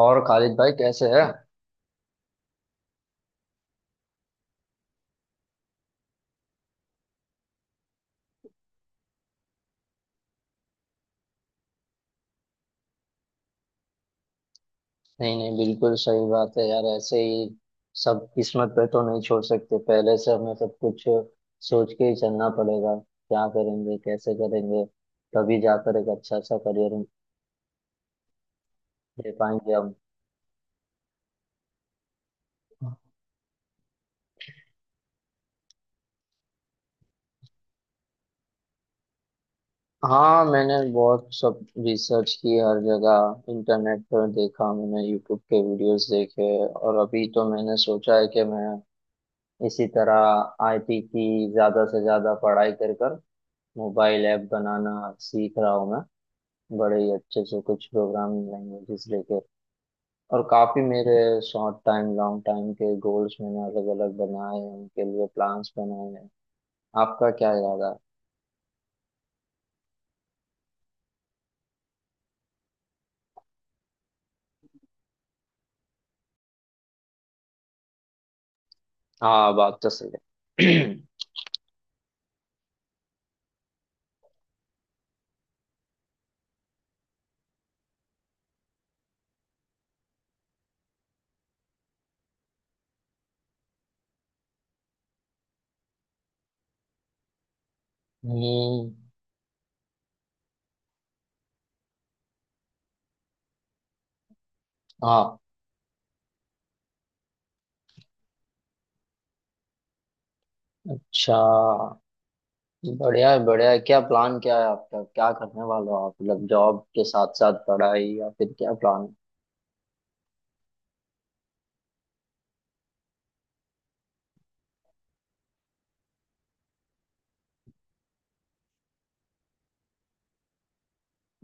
और खालिद भाई कैसे है। नहीं नहीं, बिल्कुल सही बात है यार, ऐसे ही सब किस्मत पे तो नहीं छोड़ सकते। पहले से हमें सब कुछ सोच के ही चलना पड़ेगा, क्या करेंगे, कैसे करेंगे, तभी जाकर एक अच्छा सा करियर दे पाएंगे हम। हाँ, मैंने बहुत सब रिसर्च की, हर जगह इंटरनेट पर देखा, मैंने यूट्यूब के वीडियोस देखे। और अभी तो मैंने सोचा है कि मैं इसी तरह आईटी की ज़्यादा से ज़्यादा पढ़ाई कर कर मोबाइल ऐप बनाना सीख रहा हूँ मैं, बड़े ही अच्छे से कुछ प्रोग्रामिंग लैंग्वेजेस लेके। और काफ़ी मेरे शॉर्ट टाइम लॉन्ग टाइम के गोल्स मैंने अलग अलग बनाए हैं, उनके लिए प्लान्स बनाए हैं। आपका क्या इरादा है? हाँ, बात तो सही है। हम्म। हाँ। अच्छा। बढ़िया है, बढ़िया है। क्या प्लान क्या है आपका, क्या करने वाले हो आप? मतलब जॉब के साथ साथ पढ़ाई, या फिर क्या प्लान है?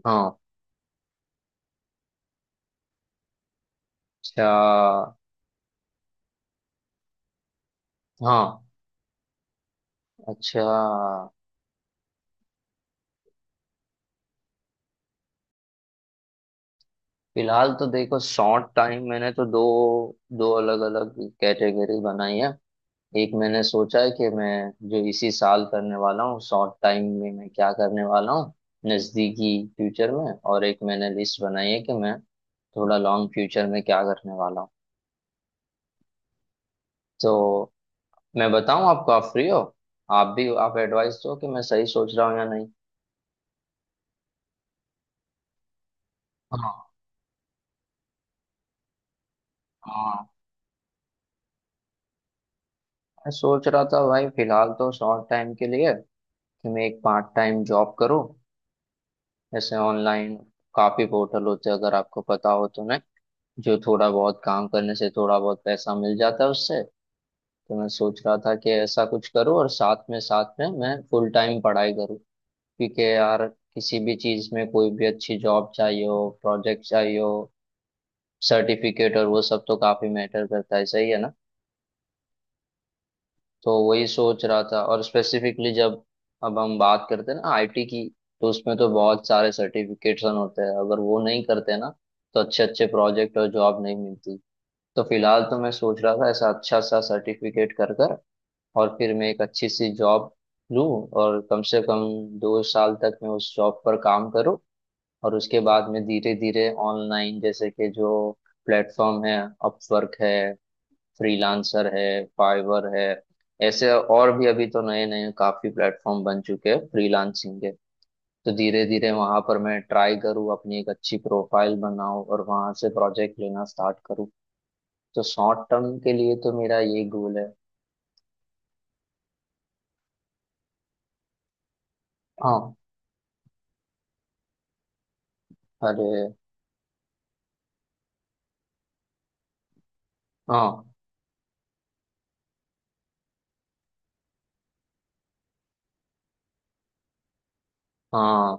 हाँ। अच्छा। हाँ। अच्छा। फिलहाल तो देखो, शॉर्ट टाइम मैंने तो दो दो अलग अलग कैटेगरी बनाई है। एक मैंने सोचा है कि मैं जो इसी साल करने वाला हूँ, शॉर्ट टाइम में मैं क्या करने वाला हूँ, नजदीकी फ्यूचर में। और एक मैंने लिस्ट बनाई है कि मैं थोड़ा लॉन्ग फ्यूचर में क्या करने वाला हूँ। तो मैं बताऊँ आपको, आप फ्री हो? आप भी आप एडवाइस दो कि मैं सही सोच रहा हूँ या नहीं। हाँ हाँ। मैं सोच रहा था भाई, फिलहाल तो शॉर्ट टाइम के लिए कि मैं एक पार्ट टाइम जॉब करूँ, ऐसे ऑनलाइन। काफी पोर्टल होते हैं, अगर आपको पता हो तो, मैं जो थोड़ा बहुत काम करने से थोड़ा बहुत पैसा मिल जाता है उससे। तो मैं सोच रहा था कि ऐसा कुछ करूँ, और साथ में मैं फुल टाइम पढ़ाई करूँ। क्योंकि यार किसी भी चीज में कोई भी अच्छी जॉब चाहिए हो, प्रोजेक्ट चाहिए हो, सर्टिफिकेट और वो सब तो काफी मैटर करता है, सही है ना। तो वही सोच रहा था। और स्पेसिफिकली जब अब हम बात करते हैं ना आईटी की, तो उसमें तो बहुत सारे सर्टिफिकेशन होते हैं, अगर वो नहीं करते ना तो अच्छे अच्छे प्रोजेक्ट और जॉब नहीं मिलती। तो फिलहाल तो मैं सोच रहा था ऐसा अच्छा सा सर्टिफिकेट कर कर, और फिर मैं एक अच्छी सी जॉब लूँ। और कम से कम 2 साल तक मैं उस जॉब पर काम करूँ। और उसके बाद में धीरे धीरे ऑनलाइन, जैसे कि जो प्लेटफॉर्म है, अपवर्क है, फ्रीलांसर है, फाइवर है, ऐसे और भी अभी तो नए नए काफी प्लेटफॉर्म बन चुके हैं फ्रीलांसिंग के। तो धीरे धीरे वहां पर मैं ट्राई करूँ, अपनी एक अच्छी प्रोफाइल बनाऊं, और वहां से प्रोजेक्ट लेना स्टार्ट करूँ। तो शॉर्ट टर्म के लिए तो मेरा ये गोल है। हाँ। अरे। हाँ हाँ।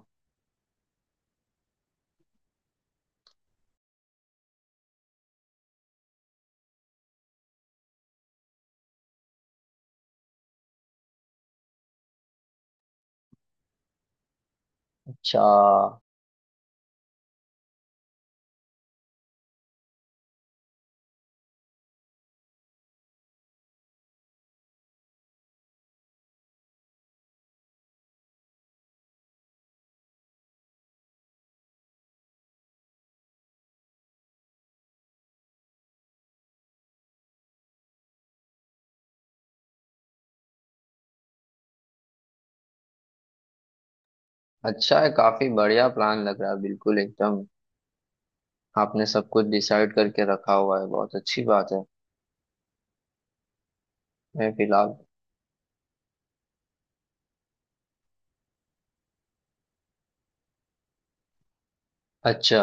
अच्छा। अच्छा है, काफी बढ़िया प्लान लग रहा है, बिल्कुल एकदम। आपने सब कुछ डिसाइड करके रखा हुआ है, बहुत अच्छी बात है। मैं फिलहाल। अच्छा।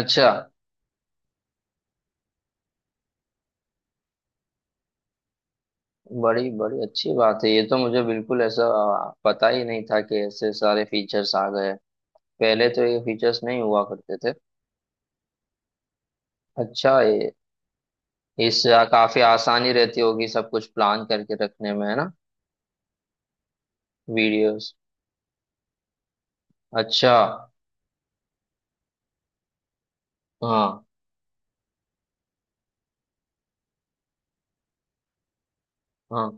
अच्छा। बड़ी बड़ी अच्छी बात है, ये तो मुझे बिल्कुल ऐसा पता ही नहीं था कि ऐसे सारे फीचर्स आ गए। पहले तो ये फीचर्स नहीं हुआ करते थे। अच्छा, ये इस काफी आसानी रहती होगी सब कुछ प्लान करके रखने में, है ना। वीडियोस। अच्छा। हाँ। हाँ।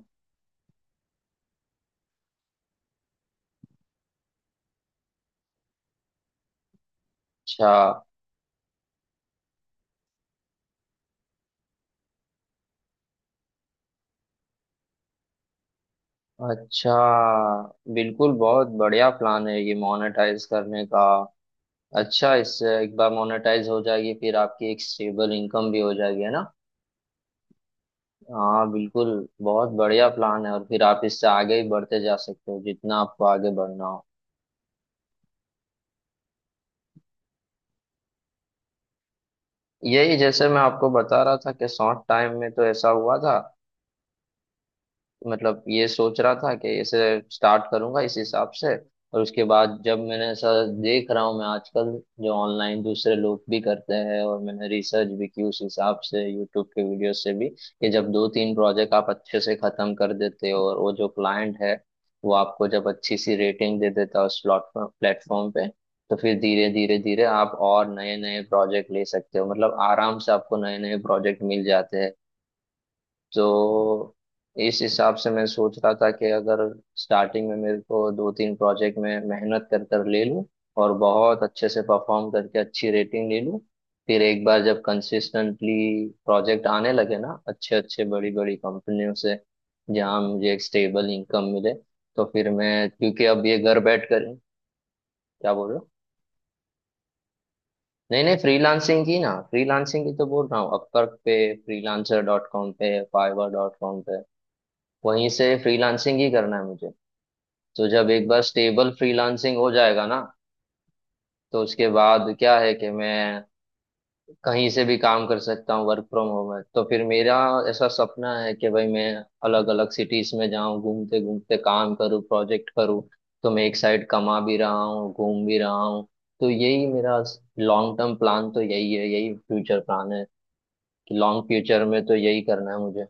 अच्छा। अच्छा। बिल्कुल बहुत बढ़िया प्लान है ये मोनेटाइज करने का। अच्छा, इससे एक बार मोनेटाइज हो जाएगी फिर आपकी एक स्टेबल इनकम भी हो जाएगी, है ना। हाँ, बिल्कुल, बहुत बढ़िया प्लान है, और फिर आप इससे आगे ही बढ़ते जा सकते हो जितना आपको आगे बढ़ना हो। यही जैसे मैं आपको बता रहा था कि शॉर्ट टाइम में तो ऐसा हुआ था, मतलब ये सोच रहा था कि इसे स्टार्ट करूंगा इस हिसाब से। और उसके बाद जब मैंने ऐसा देख रहा हूँ मैं आजकल, जो ऑनलाइन दूसरे लोग भी करते हैं, और मैंने रिसर्च भी की उस हिसाब से यूट्यूब के वीडियो से भी, कि जब दो तीन प्रोजेक्ट आप अच्छे से खत्म कर देते हो, और वो जो क्लाइंट है वो आपको जब अच्छी सी रेटिंग दे देता है उस प्लेटफॉर्म प्लेटफॉर्म पे, तो फिर धीरे धीरे धीरे आप और नए नए प्रोजेक्ट ले सकते हो, मतलब आराम से आपको नए नए प्रोजेक्ट मिल जाते हैं। तो इस हिसाब से मैं सोच रहा था कि अगर स्टार्टिंग में मेरे को दो तीन प्रोजेक्ट में मेहनत कर कर ले लूँ, और बहुत अच्छे से परफॉर्म करके अच्छी रेटिंग ले लूँ, फिर एक बार जब कंसिस्टेंटली प्रोजेक्ट आने लगे ना अच्छे अच्छे बड़ी बड़ी कंपनियों से, जहाँ मुझे एक स्टेबल इनकम मिले, तो फिर मैं, क्योंकि अब ये घर बैठ कर। क्या बोल रहे हो? नहीं नहीं, फ्रीलांसिंग की ना, फ्रीलांसिंग की तो बोल रहा हूँ, अपवर्क पे, फ्रीलांसर डॉट कॉम पे, फाइवर डॉट कॉम पे, वहीं से फ्रीलांसिंग ही करना है मुझे। तो जब एक बार स्टेबल फ्रीलांसिंग हो जाएगा ना, तो उसके बाद क्या है कि मैं कहीं से भी काम कर सकता हूँ, वर्क फ्रॉम होम है, तो फिर मेरा ऐसा सपना है कि भाई मैं अलग अलग सिटीज में जाऊं, घूमते घूमते काम करूँ, प्रोजेक्ट करूँ, तो मैं एक साइड कमा भी रहा हूँ, घूम भी रहा हूँ। तो यही मेरा लॉन्ग टर्म प्लान तो यही है, यही फ्यूचर प्लान है, कि लॉन्ग फ्यूचर में तो यही करना है मुझे।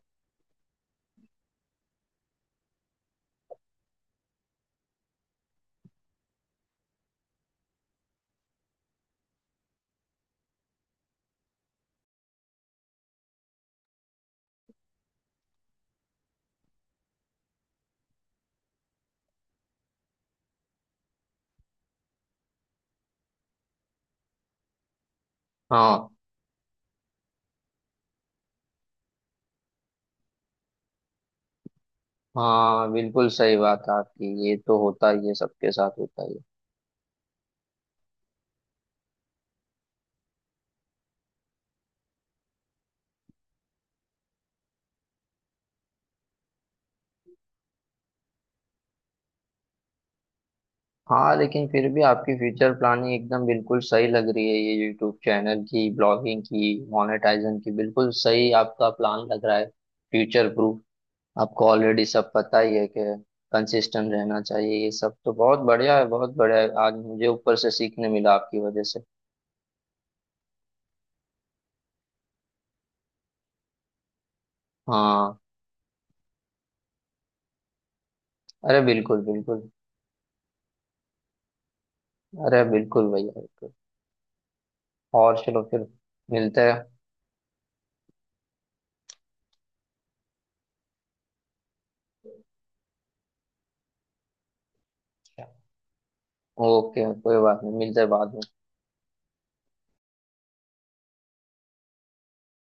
हाँ। हाँ, बिल्कुल सही बात है आपकी, ये तो होता ही है, सबके साथ होता ही है। हाँ, लेकिन फिर भी आपकी फ्यूचर प्लानिंग एकदम बिल्कुल सही लग रही है, ये यूट्यूब चैनल की, ब्लॉगिंग की, मोनेटाइजेशन की, बिल्कुल सही आपका प्लान लग रहा है, फ्यूचर प्रूफ। आपको ऑलरेडी सब पता ही है कि कंसिस्टेंट रहना चाहिए, ये सब तो बहुत बढ़िया है, बहुत बढ़िया है, आज मुझे ऊपर से सीखने मिला आपकी वजह से। हाँ। अरे बिल्कुल, बिल्कुल। अरे बिल्कुल भैया, बिल्कुल। और चलो फिर, मिलते हैं। ओके, कोई बात नहीं, मिलते हैं बाद में।